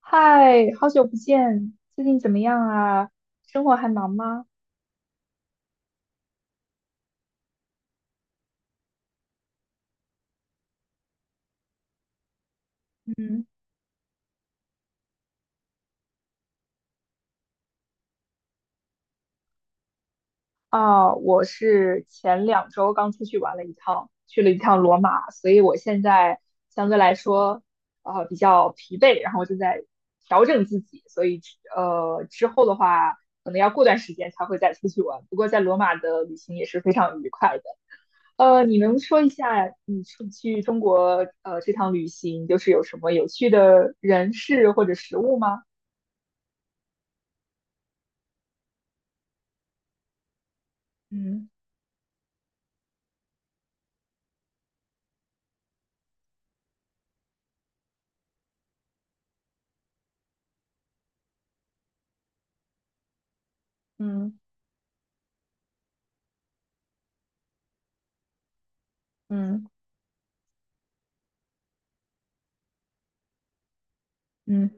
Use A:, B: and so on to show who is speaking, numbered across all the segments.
A: 嗨，好久不见，最近怎么样啊？生活还忙吗？嗯，啊，我是前两周刚出去玩了一趟，去了一趟罗马，所以我现在相对来说，比较疲惫，然后正在调整自己，所以之后的话，可能要过段时间才会再出去玩。不过在罗马的旅行也是非常愉快的。呃，你能说一下你出去中国这趟旅行，就是有什么有趣的人事或者食物吗？嗯，嗯，嗯，嗯，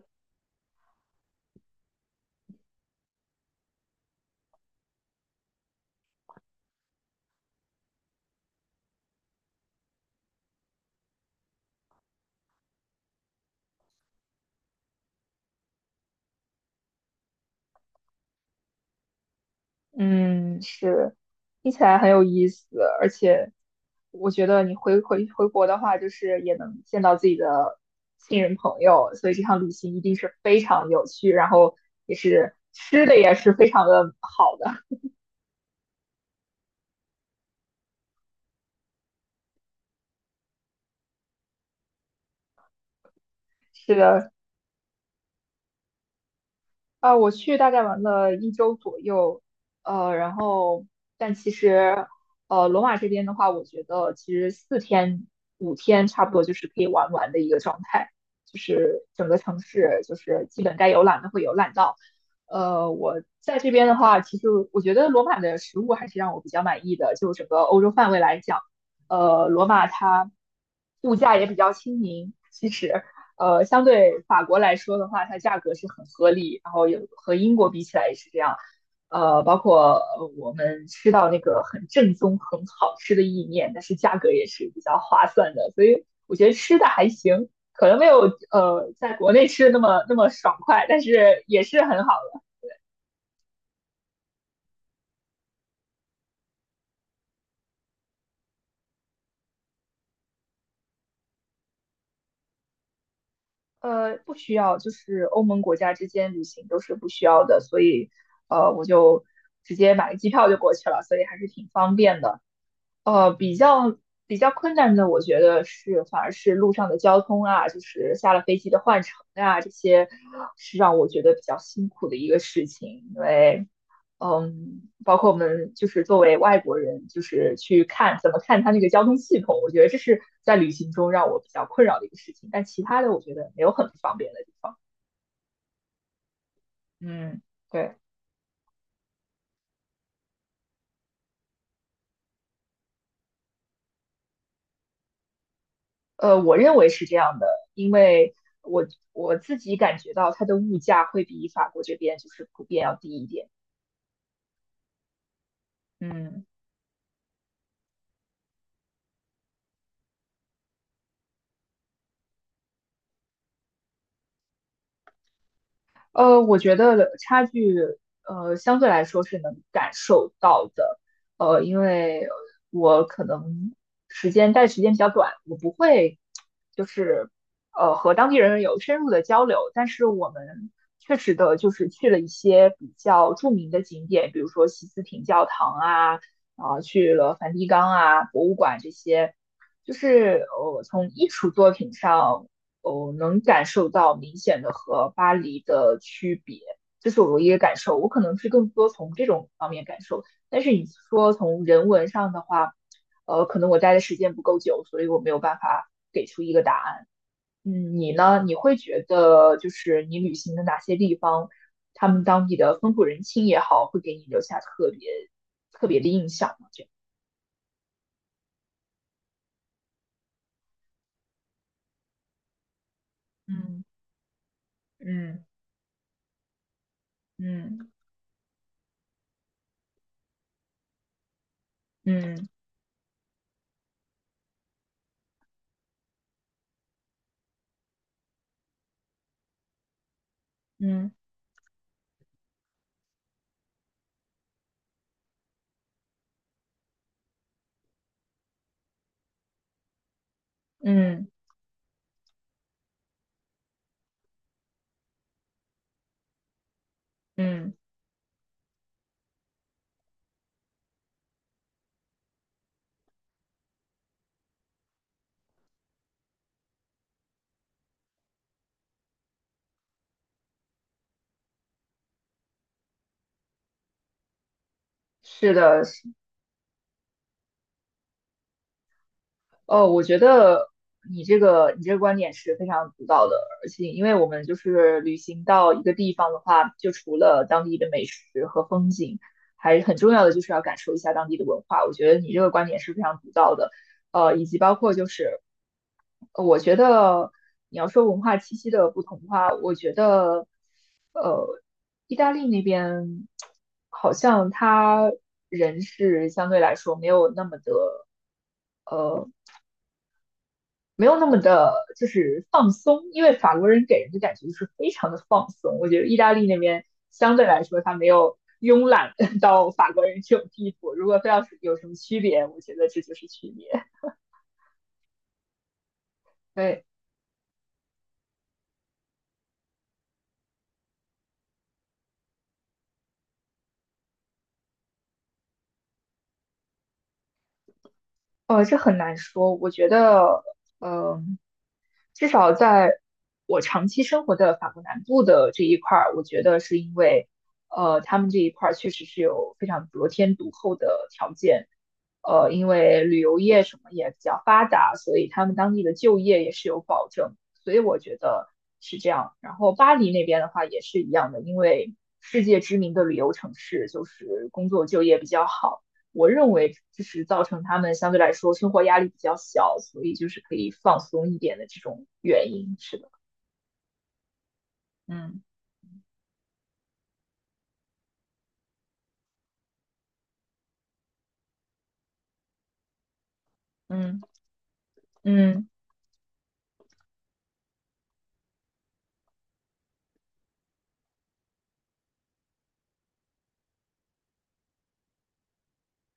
A: 嗯，是，听起来很有意思，而且我觉得你回国的话，就是也能见到自己的亲人朋友，所以这趟旅行一定是非常有趣，然后也是吃的也是非常的好的，吃的啊，我去大概玩了一周左右，然后但其实，罗马这边的话，我觉得其实四天五天差不多就是可以玩完的一个状态，就是整个城市就是基本该游览的会游览到。呃，我在这边的话，其实我觉得罗马的食物还是让我比较满意的，就整个欧洲范围来讲，罗马它物价也比较亲民，其实。呃，相对法国来说的话，它价格是很合理，然后有和英国比起来也是这样。包括我们吃到那个很正宗、很好吃的意面，但是价格也是比较划算的，所以我觉得吃的还行，可能没有在国内吃的那么爽快，但是也是很好的。呃，不需要，就是欧盟国家之间旅行都是不需要的，所以我就直接买个机票就过去了，所以还是挺方便的。呃，比较比较困难的，我觉得是反而是路上的交通啊，就是下了飞机的换乘啊，这些是让我觉得比较辛苦的一个事情。因为，嗯，包括我们就是作为外国人，就是去看怎么看它那个交通系统，我觉得这是在旅行中让我比较困扰的一个事情。但其他的，我觉得没有很不方便的地方。嗯，对。我认为是这样的，因为我自己感觉到它的物价会比法国这边就是普遍要低一点。嗯。呃，我觉得差距，相对来说是能感受到的，因为我可能时间待的时间比较短，我不会就是和当地人有深入的交流，但是我们确实的就是去了一些比较著名的景点，比如说西斯廷教堂啊，啊、去了梵蒂冈啊，博物馆这些，就是从艺术作品上哦，能感受到明显的和巴黎的区别，这是我唯一的感受。我可能是更多从这种方面感受，但是你说从人文上的话，可能我待的时间不够久，所以我没有办法给出一个答案。嗯，你呢？你会觉得就是你旅行的哪些地方，他们当地的风土人情也好，会给你留下特别的印象吗？这样，嗯，嗯，嗯，嗯，嗯，嗯，嗯，嗯，是的，哦，我觉得你这个观点是非常独到的，而且因为我们就是旅行到一个地方的话，就除了当地的美食和风景，还很重要的就是要感受一下当地的文化。我觉得你这个观点是非常独到的，呃，以及包括就是，我觉得你要说文化气息的不同的话，我觉得，呃，意大利那边好像他人是相对来说没有那么的。呃。没有那么的，就是放松，因为法国人给人的感觉就是非常的放松。我觉得意大利那边相对来说，他没有慵懒到法国人这种地步。如果非要是有什么区别，我觉得这就是区别。对。这很难说。我觉得，嗯、至少在我长期生活的法国南部的这一块儿，我觉得是因为，他们这一块儿确实是有非常得天独厚的条件，因为旅游业什么也比较发达，所以他们当地的就业也是有保证，所以我觉得是这样。然后巴黎那边的话也是一样的，因为世界知名的旅游城市，就是工作就业比较好。我认为就是造成他们相对来说生活压力比较小，所以就是可以放松一点的这种原因。是的，嗯，嗯，嗯，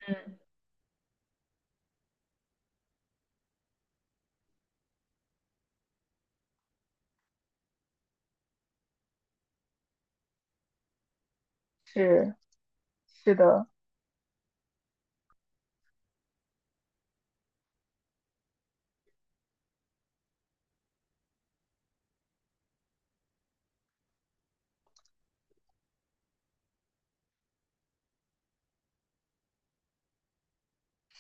A: 嗯，是，是的，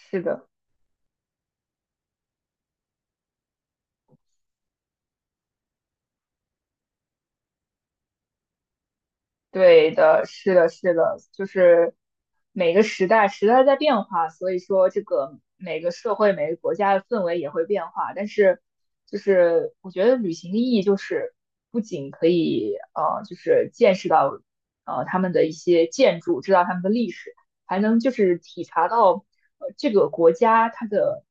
A: 是的。对的，是的，是的，就是每个时代在变化，所以说这个每个社会、每个国家的氛围也会变化。但是，就是我觉得旅行的意义就是不仅可以就是见识到他们的一些建筑，知道他们的历史，还能就是体察到这个国家它的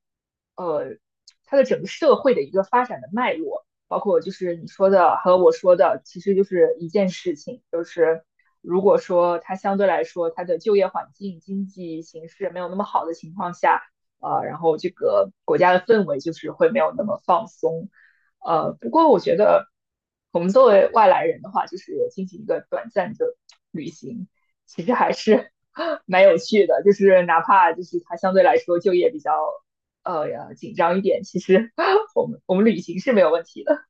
A: 呃它的整个社会的一个发展的脉络。包括就是你说的和我说的，其实就是一件事情，就是如果说它相对来说它的就业环境、经济形势没有那么好的情况下，然后这个国家的氛围就是会没有那么放松，呃，不过我觉得我们作为外来人的话，就是进行一个短暂的旅行，其实还是 蛮有趣的，就是哪怕就是它相对来说就业比较紧张一点，其实 我们旅行是没有问题的。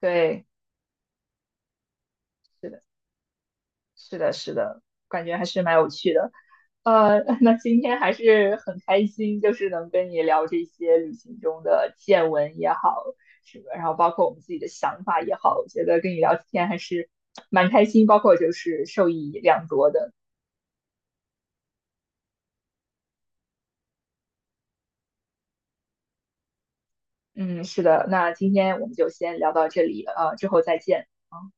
A: 对，是的，是的，是的，感觉还是蛮有趣的。呃，那今天还是很开心，就是能跟你聊这些旅行中的见闻也好，是么，然后包括我们自己的想法也好，我觉得跟你聊天还是蛮开心，包括就是受益良多的。嗯，是的，那今天我们就先聊到这里，之后再见。嗯